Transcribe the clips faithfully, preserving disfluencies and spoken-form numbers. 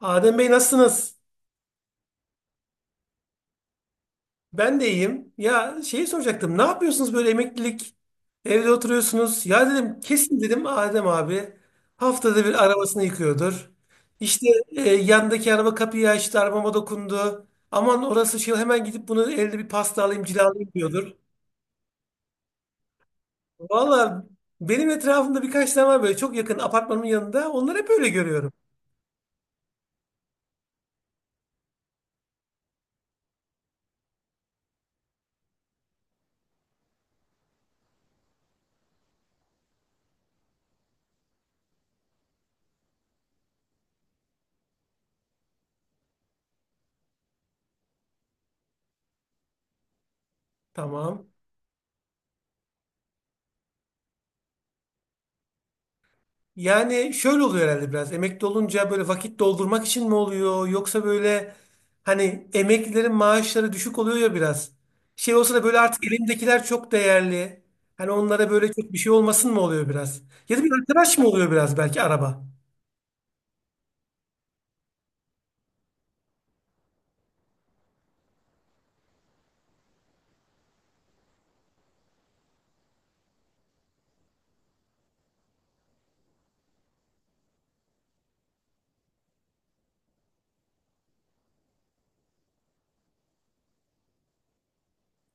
Adem Bey nasılsınız? Ben de iyiyim. Ya şeyi soracaktım. Ne yapıyorsunuz böyle emeklilik? Evde oturuyorsunuz. Ya dedim kesin dedim Adem abi haftada bir arabasını yıkıyordur. İşte e, yandaki araba kapıyı açtı, arabama dokundu. Aman orası şey hemen gidip bunu elde bir pasta alayım, cilalayayım diyordur. Valla benim etrafımda birkaç tane var böyle çok yakın apartmanımın yanında. Onları hep öyle görüyorum. Tamam. Yani şöyle oluyor herhalde biraz. Emekli olunca böyle vakit doldurmak için mi oluyor? Yoksa böyle hani emeklilerin maaşları düşük oluyor ya biraz. Şey olsa da böyle artık elimdekiler çok değerli. Hani onlara böyle çok bir şey olmasın mı oluyor biraz? Ya da bir arkadaş mı oluyor biraz belki araba?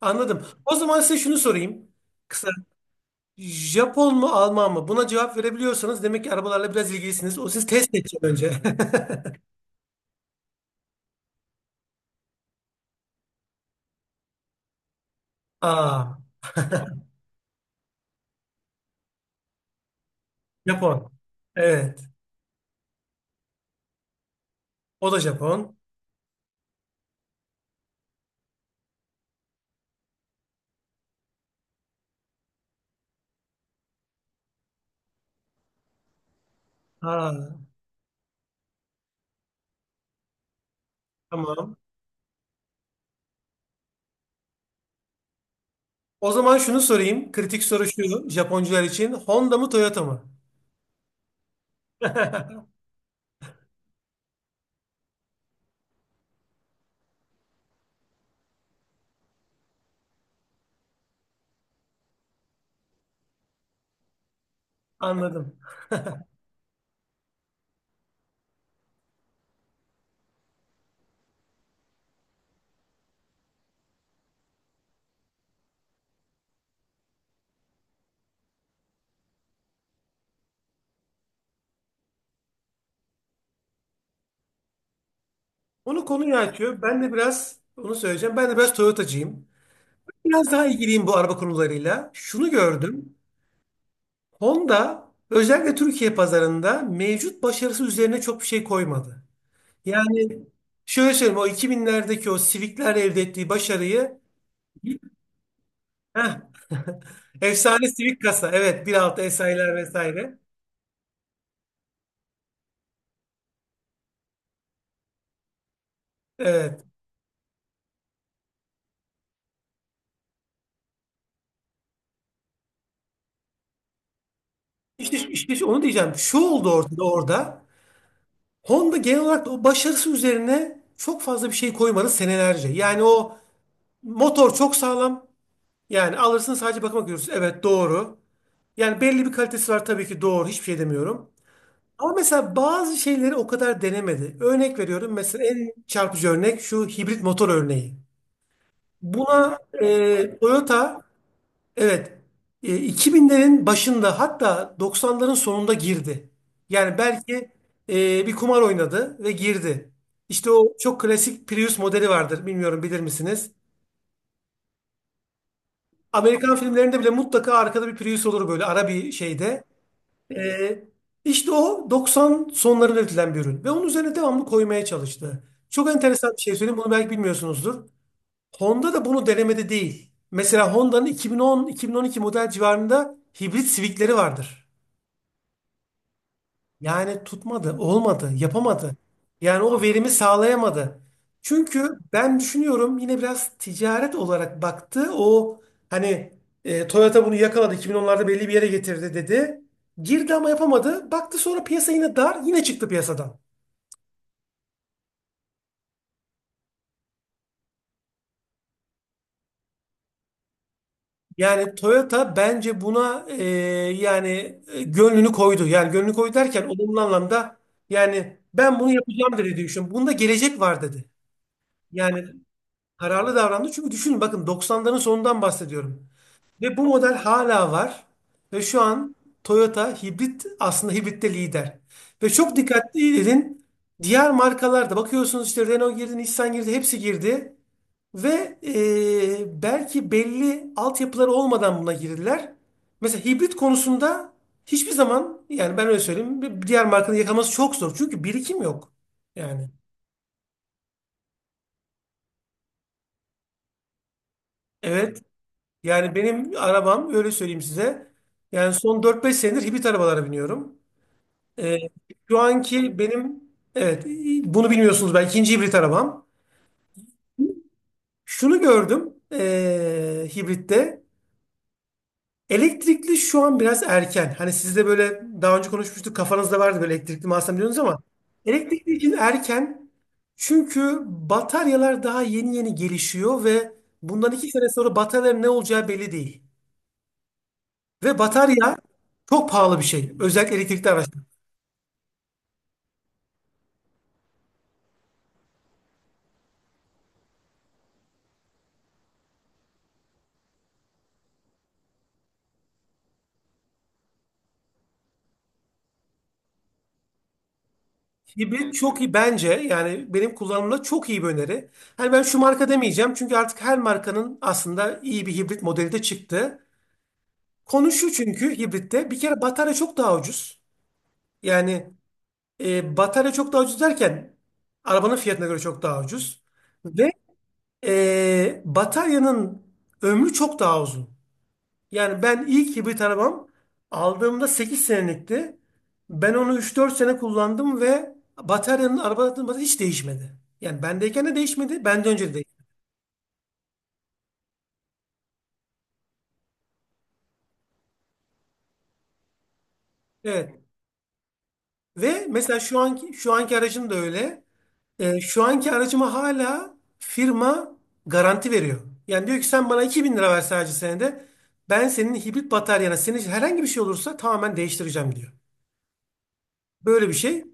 Anladım. O zaman size şunu sorayım. Kısa. Japon mu Alman mı? Buna cevap verebiliyorsanız demek ki arabalarla biraz ilgilisiniz. O siz test edeceğim önce. Aa, Japon. Evet. O da Japon. Aa, tamam. O zaman şunu sorayım. Kritik soru şu Japoncular için. Honda mı Toyota mı? Anladım. Onu konuyu açıyor. Ben de biraz onu söyleyeceğim. Ben de biraz Toyotacıyım. Biraz daha ilgiliyim bu araba konularıyla. Şunu gördüm. Honda özellikle Türkiye pazarında mevcut başarısı üzerine çok bir şey koymadı. Yani şöyle söyleyeyim o iki binlerdeki o Civic'ler elde ettiği başarıyı. Heh. Efsane Civic kasa. Evet, bir altı S I'ler vesaire. Evet. İşte, işte onu diyeceğim. Şu oldu ortada orada. Honda genel olarak da o başarısı üzerine çok fazla bir şey koymadı senelerce. Yani o motor çok sağlam. Yani alırsın sadece bakıma görürsün. Evet doğru. Yani belli bir kalitesi var tabii ki doğru. Hiçbir şey demiyorum. Ama mesela bazı şeyleri o kadar denemedi. Örnek veriyorum. Mesela en çarpıcı örnek şu hibrit motor örneği. Buna e, Toyota. Evet. E, iki binlerin başında hatta doksanların sonunda girdi. Yani belki e, bir kumar oynadı ve girdi. İşte o çok klasik Prius modeli vardır. Bilmiyorum bilir misiniz? Amerikan filmlerinde bile mutlaka arkada bir Prius olur böyle ara bir şeyde. E, işte o doksan sonlarında üretilen bir ürün. Ve onun üzerine devamlı koymaya çalıştı. Çok enteresan bir şey söyleyeyim. Bunu belki bilmiyorsunuzdur. Honda da bunu denemede değil. Mesela Honda'nın iki bin on-iki bin on iki model civarında hibrit Civic'leri vardır. Yani tutmadı, olmadı, yapamadı. Yani o verimi sağlayamadı. Çünkü ben düşünüyorum yine biraz ticaret olarak baktı. O hani e, Toyota bunu yakaladı, iki bin onlarda belli bir yere getirdi dedi. Girdi ama yapamadı. Baktı sonra piyasa yine dar, yine çıktı piyasadan. Yani Toyota bence buna e, yani e, gönlünü koydu. Yani gönlünü koydu derken olumlu anlamda, yani ben bunu yapacağım dedi diye düşünüyorum. Bunda gelecek var dedi. Yani kararlı davrandı. Çünkü düşünün bakın doksanların sonundan bahsediyorum. Ve bu model hala var. Ve şu an Toyota hibrit aslında hibritte lider. Ve çok dikkatli edin. Diğer markalarda bakıyorsunuz işte Renault girdi, Nissan girdi, hepsi girdi. Ve e, belki belli altyapıları olmadan buna girdiler. Mesela hibrit konusunda hiçbir zaman, yani ben öyle söyleyeyim, bir diğer markanın yakalaması çok zor. Çünkü birikim yok. Yani. Evet. Yani benim arabam, öyle söyleyeyim size. Yani son dört beş senedir hibrit arabalara biniyorum. Ee, şu anki benim, evet, bunu bilmiyorsunuz, ben ikinci hibrit arabam. Şunu gördüm eee, hibritte. Elektrikli şu an biraz erken. Hani siz de böyle daha önce konuşmuştuk, kafanızda vardı böyle elektrikli mi alsam diyorsunuz ama elektrikli için erken. Çünkü bataryalar daha yeni yeni gelişiyor ve bundan iki sene sonra bataryaların ne olacağı belli değil. Ve batarya çok pahalı bir şey. Özellikle elektrikli araçlar. Hibrit çok iyi bence, yani benim kullanımımda çok iyi bir öneri. Hani ben şu marka demeyeceğim çünkü artık her markanın aslında iyi bir hibrit modeli de çıktı. Konu şu, çünkü hibritte bir kere batarya çok daha ucuz. Yani e, batarya çok daha ucuz derken arabanın fiyatına göre çok daha ucuz. Ve e, bataryanın ömrü çok daha uzun. Yani ben ilk hibrit arabam aldığımda sekiz senelikti. Ben onu üç dört sene kullandım ve bataryanın, arabanın bataryası hiç değişmedi. Yani bendeyken de değişmedi, benden önce de değişmedi. Evet. Ve mesela şu anki şu anki aracım da öyle. Ee, şu anki aracıma hala firma garanti veriyor. Yani diyor ki sen bana iki bin lira ver sadece senede. Ben senin hibrit bataryana, senin herhangi bir şey olursa tamamen değiştireceğim diyor. Böyle bir şey.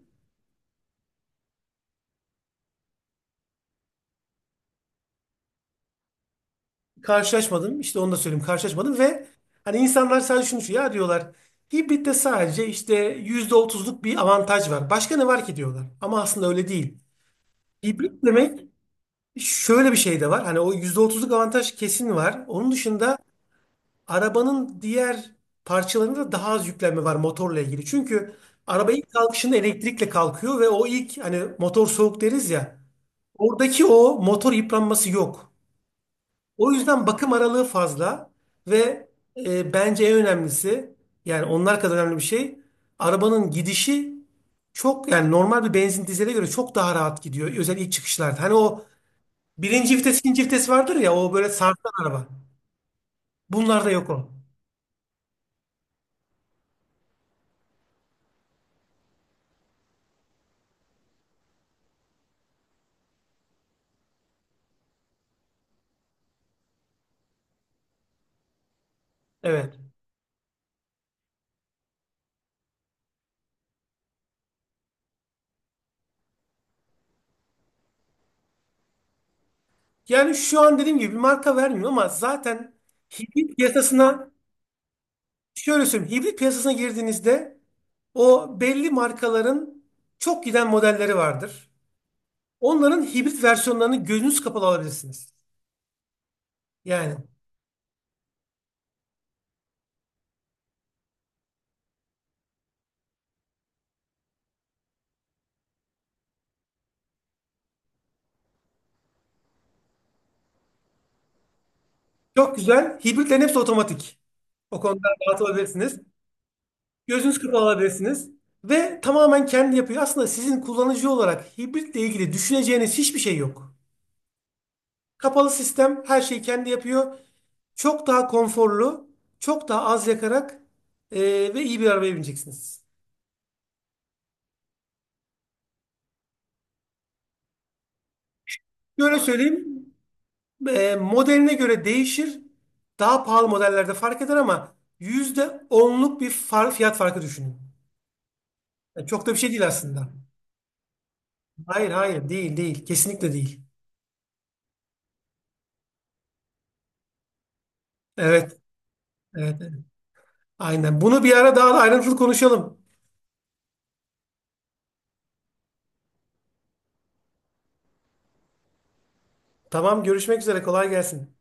Karşılaşmadım. İşte onu da söyleyeyim. Karşılaşmadım ve hani insanlar sadece şunu şu ya diyorlar. Hibritte sadece işte yüzde otuzluk bir avantaj var. Başka ne var ki diyorlar. Ama aslında öyle değil. Hibrit demek şöyle bir şey de var. Hani o yüzde otuzluk avantaj kesin var. Onun dışında arabanın diğer parçalarında daha az yüklenme var motorla ilgili. Çünkü araba ilk kalkışında elektrikle kalkıyor ve o ilk, hani motor soğuk deriz ya. Oradaki o motor yıpranması yok. O yüzden bakım aralığı fazla ve e, bence en önemlisi, yani onlar kadar önemli bir şey, arabanın gidişi çok, yani normal bir benzin dizele göre çok daha rahat gidiyor. Özellikle ilk çıkışlarda. Hani o birinci vites, ikinci vites vardır ya, o böyle sarsan araba. Bunlarda yok o. Evet. Yani şu an dediğim gibi bir marka vermiyor ama zaten hibrit piyasasına şöyle söyleyeyim. Hibrit piyasasına girdiğinizde o belli markaların çok giden modelleri vardır. Onların hibrit versiyonlarını gözünüz kapalı alabilirsiniz. Yani çok güzel. Hibritlerin hepsi otomatik. O konuda rahat olabilirsiniz. Gözünüz kapalı alabilirsiniz. Ve tamamen kendi yapıyor. Aslında sizin kullanıcı olarak hibritle ilgili düşüneceğiniz hiçbir şey yok. Kapalı sistem her şeyi kendi yapıyor. Çok daha konforlu, çok daha az yakarak eee, ve iyi bir arabaya bineceksiniz. Böyle söyleyeyim. E, modeline göre değişir. Daha pahalı modellerde fark eder ama yüzde onluk bir far, fiyat farkı düşünün. Yani çok da bir şey değil aslında. Hayır, hayır, değil, değil. Kesinlikle değil. Evet, evet. Evet. Aynen. Bunu bir ara daha da ayrıntılı konuşalım. Tamam, görüşmek üzere, kolay gelsin.